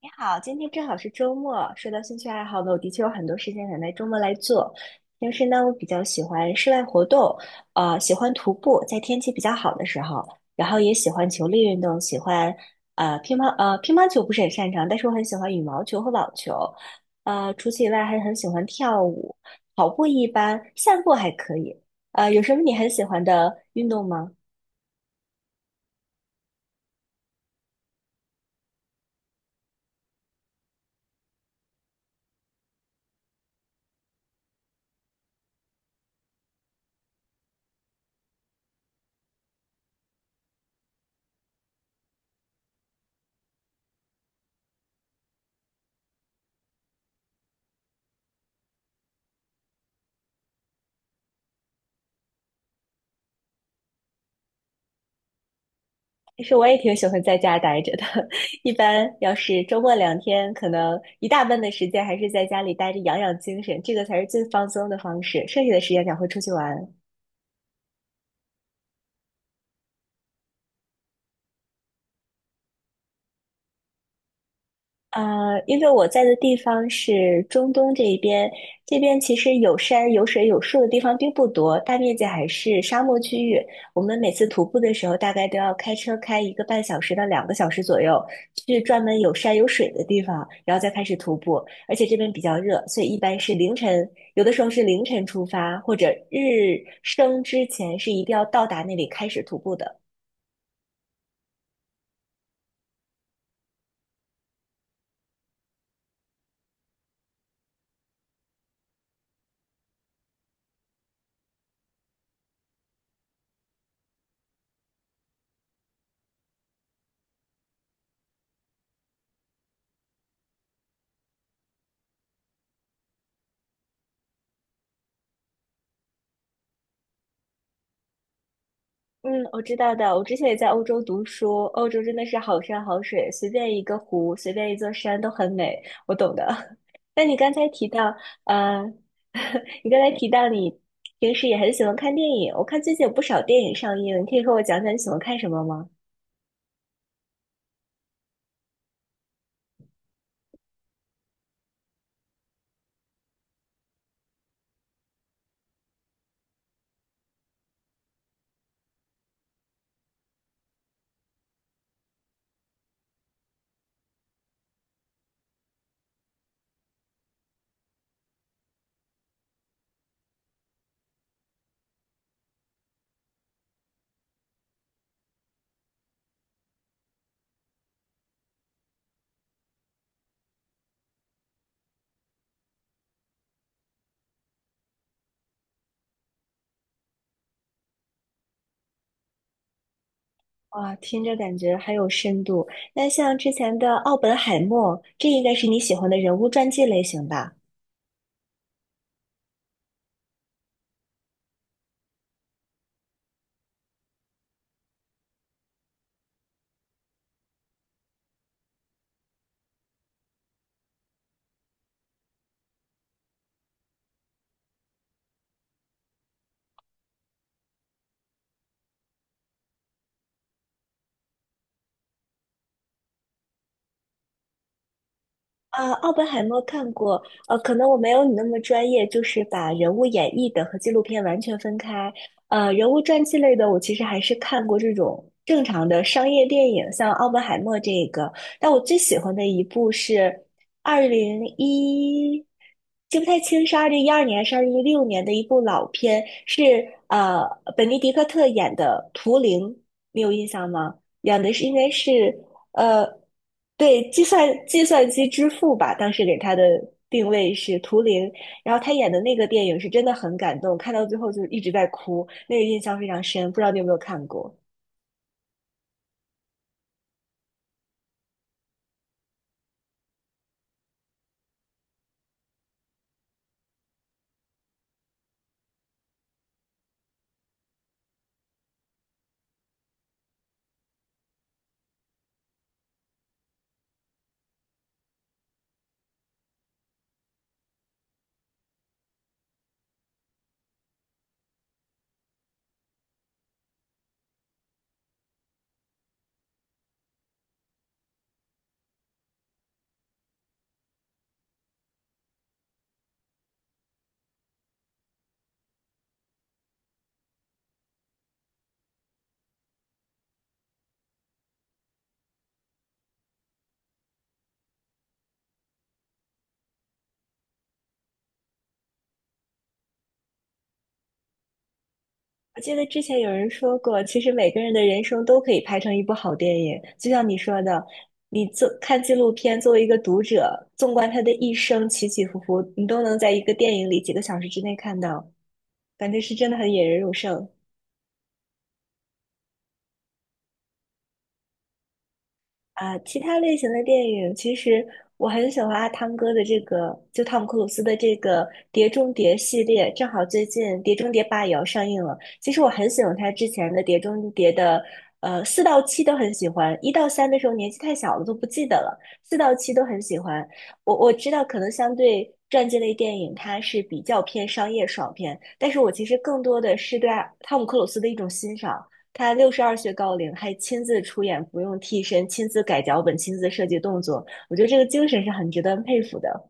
你好，今天正好是周末。说到兴趣爱好呢，我的确有很多事情想在周末来做。平时呢，我比较喜欢室外活动，喜欢徒步，在天气比较好的时候，然后也喜欢球类运动，喜欢乒乓球不是很擅长，但是我很喜欢羽毛球和网球。除此以外，还很喜欢跳舞，跑步一般，散步还可以。有什么你很喜欢的运动吗？其实我也挺喜欢在家待着的，一般要是周末两天，可能一大半的时间还是在家里待着养养精神，这个才是最放松的方式，剩下的时间才会出去玩。因为我在的地方是中东这一边，这边其实有山、有水、有树的地方并不多，大面积还是沙漠区域。我们每次徒步的时候，大概都要开车开1个半小时到2个小时左右，去专门有山有水的地方，然后再开始徒步。而且这边比较热，所以一般是凌晨，有的时候是凌晨出发，或者日升之前是一定要到达那里开始徒步的。嗯，我知道的。我之前也在欧洲读书，欧洲真的是好山好水，随便一个湖，随便一座山都很美。我懂的。那你刚才提到，呃，你刚才提到你平时也很喜欢看电影，我看最近有不少电影上映，你可以和我讲讲你喜欢看什么吗？哇，听着感觉很有深度。那像之前的《奥本海默》，这应该是你喜欢的人物传记类型吧？啊，奥本海默看过，可能我没有你那么专业，就是把人物演绎的和纪录片完全分开。人物传记类的，我其实还是看过这种正常的商业电影，像奥本海默这个。但我最喜欢的一部是二零一，记不太清是2012年还是2016年的一部老片，是呃本尼迪克特演的《图灵》，你有印象吗？演的是应该是。呃，对，计算机之父吧，当时给他的定位是图灵，然后他演的那个电影是真的很感动，看到最后就一直在哭，那个印象非常深，不知道你有没有看过？我记得之前有人说过，其实每个人的人生都可以拍成一部好电影，就像你说的，你做看纪录片，作为一个读者，纵观他的一生起起伏伏，你都能在一个电影里几个小时之内看到，感觉是真的很引人入胜。啊，其他类型的电影，其实我很喜欢阿汤哥的这个，就汤姆克鲁斯的这个《碟中谍》系列，正好最近《碟中谍八》也要上映了。其实我很喜欢他之前的《碟中谍》的，四到七都很喜欢，一到三的时候年纪太小了都不记得了，四到七都很喜欢。我知道可能相对传记类电影它是比较偏商业爽片，但是我其实更多的是对阿汤姆克鲁斯的一种欣赏。他62岁高龄还亲自出演，不用替身，亲自改脚本，亲自设计动作，我觉得这个精神是很值得佩服的。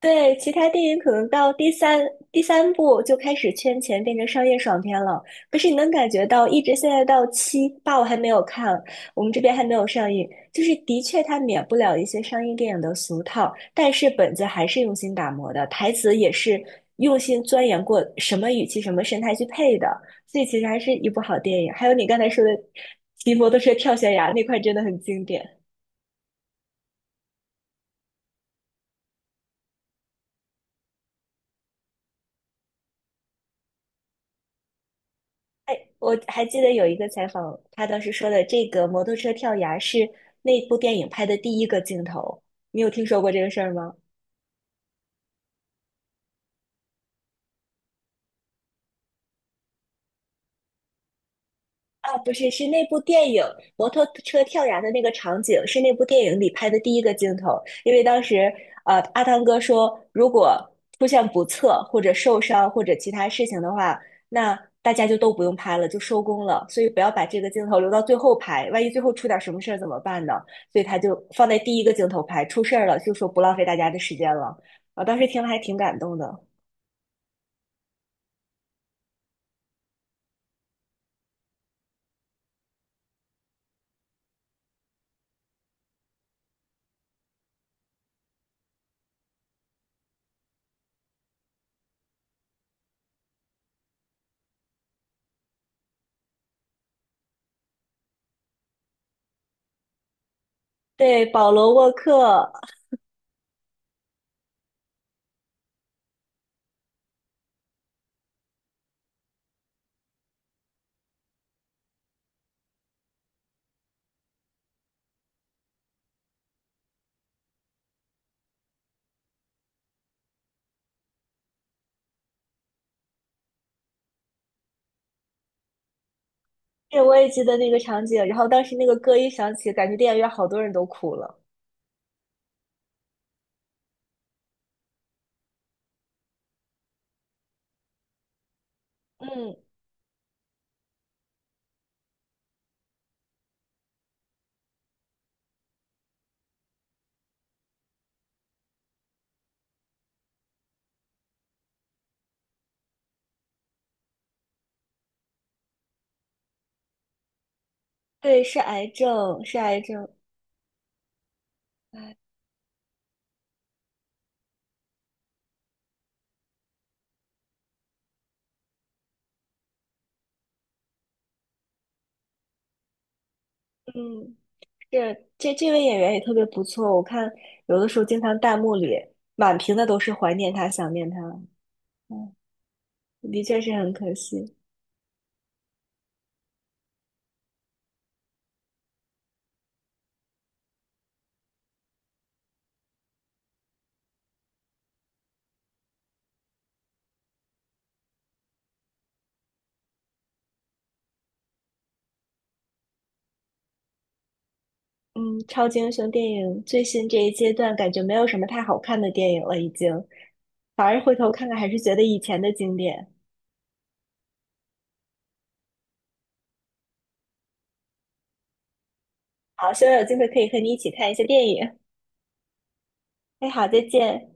对，其他电影可能到第三部就开始圈钱，变成商业爽片了。可是你能感觉到，一直现在到七八，我还没有看，我们这边还没有上映。就是的确，它免不了一些商业电影的俗套，但是本子还是用心打磨的，台词也是用心钻研过，什么语气、什么神态去配的。所以其实还是一部好电影。还有你刚才说的《骑摩托车跳悬崖》那块，真的很经典。哎，我还记得有一个采访，他当时说的这个摩托车跳崖是那部电影拍的第一个镜头，你有听说过这个事儿吗？啊，不是，是那部电影摩托车跳崖的那个场景，是那部电影里拍的第一个镜头。因为当时，阿汤哥说，如果出现不测或者受伤或者其他事情的话，那大家就都不用拍了，就收工了。所以不要把这个镜头留到最后拍，万一最后出点什么事儿怎么办呢？所以他就放在第一个镜头拍，出事儿了就说不浪费大家的时间了。我当时听了还挺感动的。对，保罗·沃克，对，我也记得那个场景。然后当时那个歌一响起，感觉电影院好多人都哭了。嗯，对，是癌症，是癌症。嗯，这位演员也特别不错。我看有的时候经常弹幕里满屏的都是怀念他、想念他。嗯，的确是很可惜。嗯，超级英雄电影最新这一阶段，感觉没有什么太好看的电影了，已经。反而回头看看，还是觉得以前的经典。好，希望有机会可以和你一起看一些电影。哎，好，再见。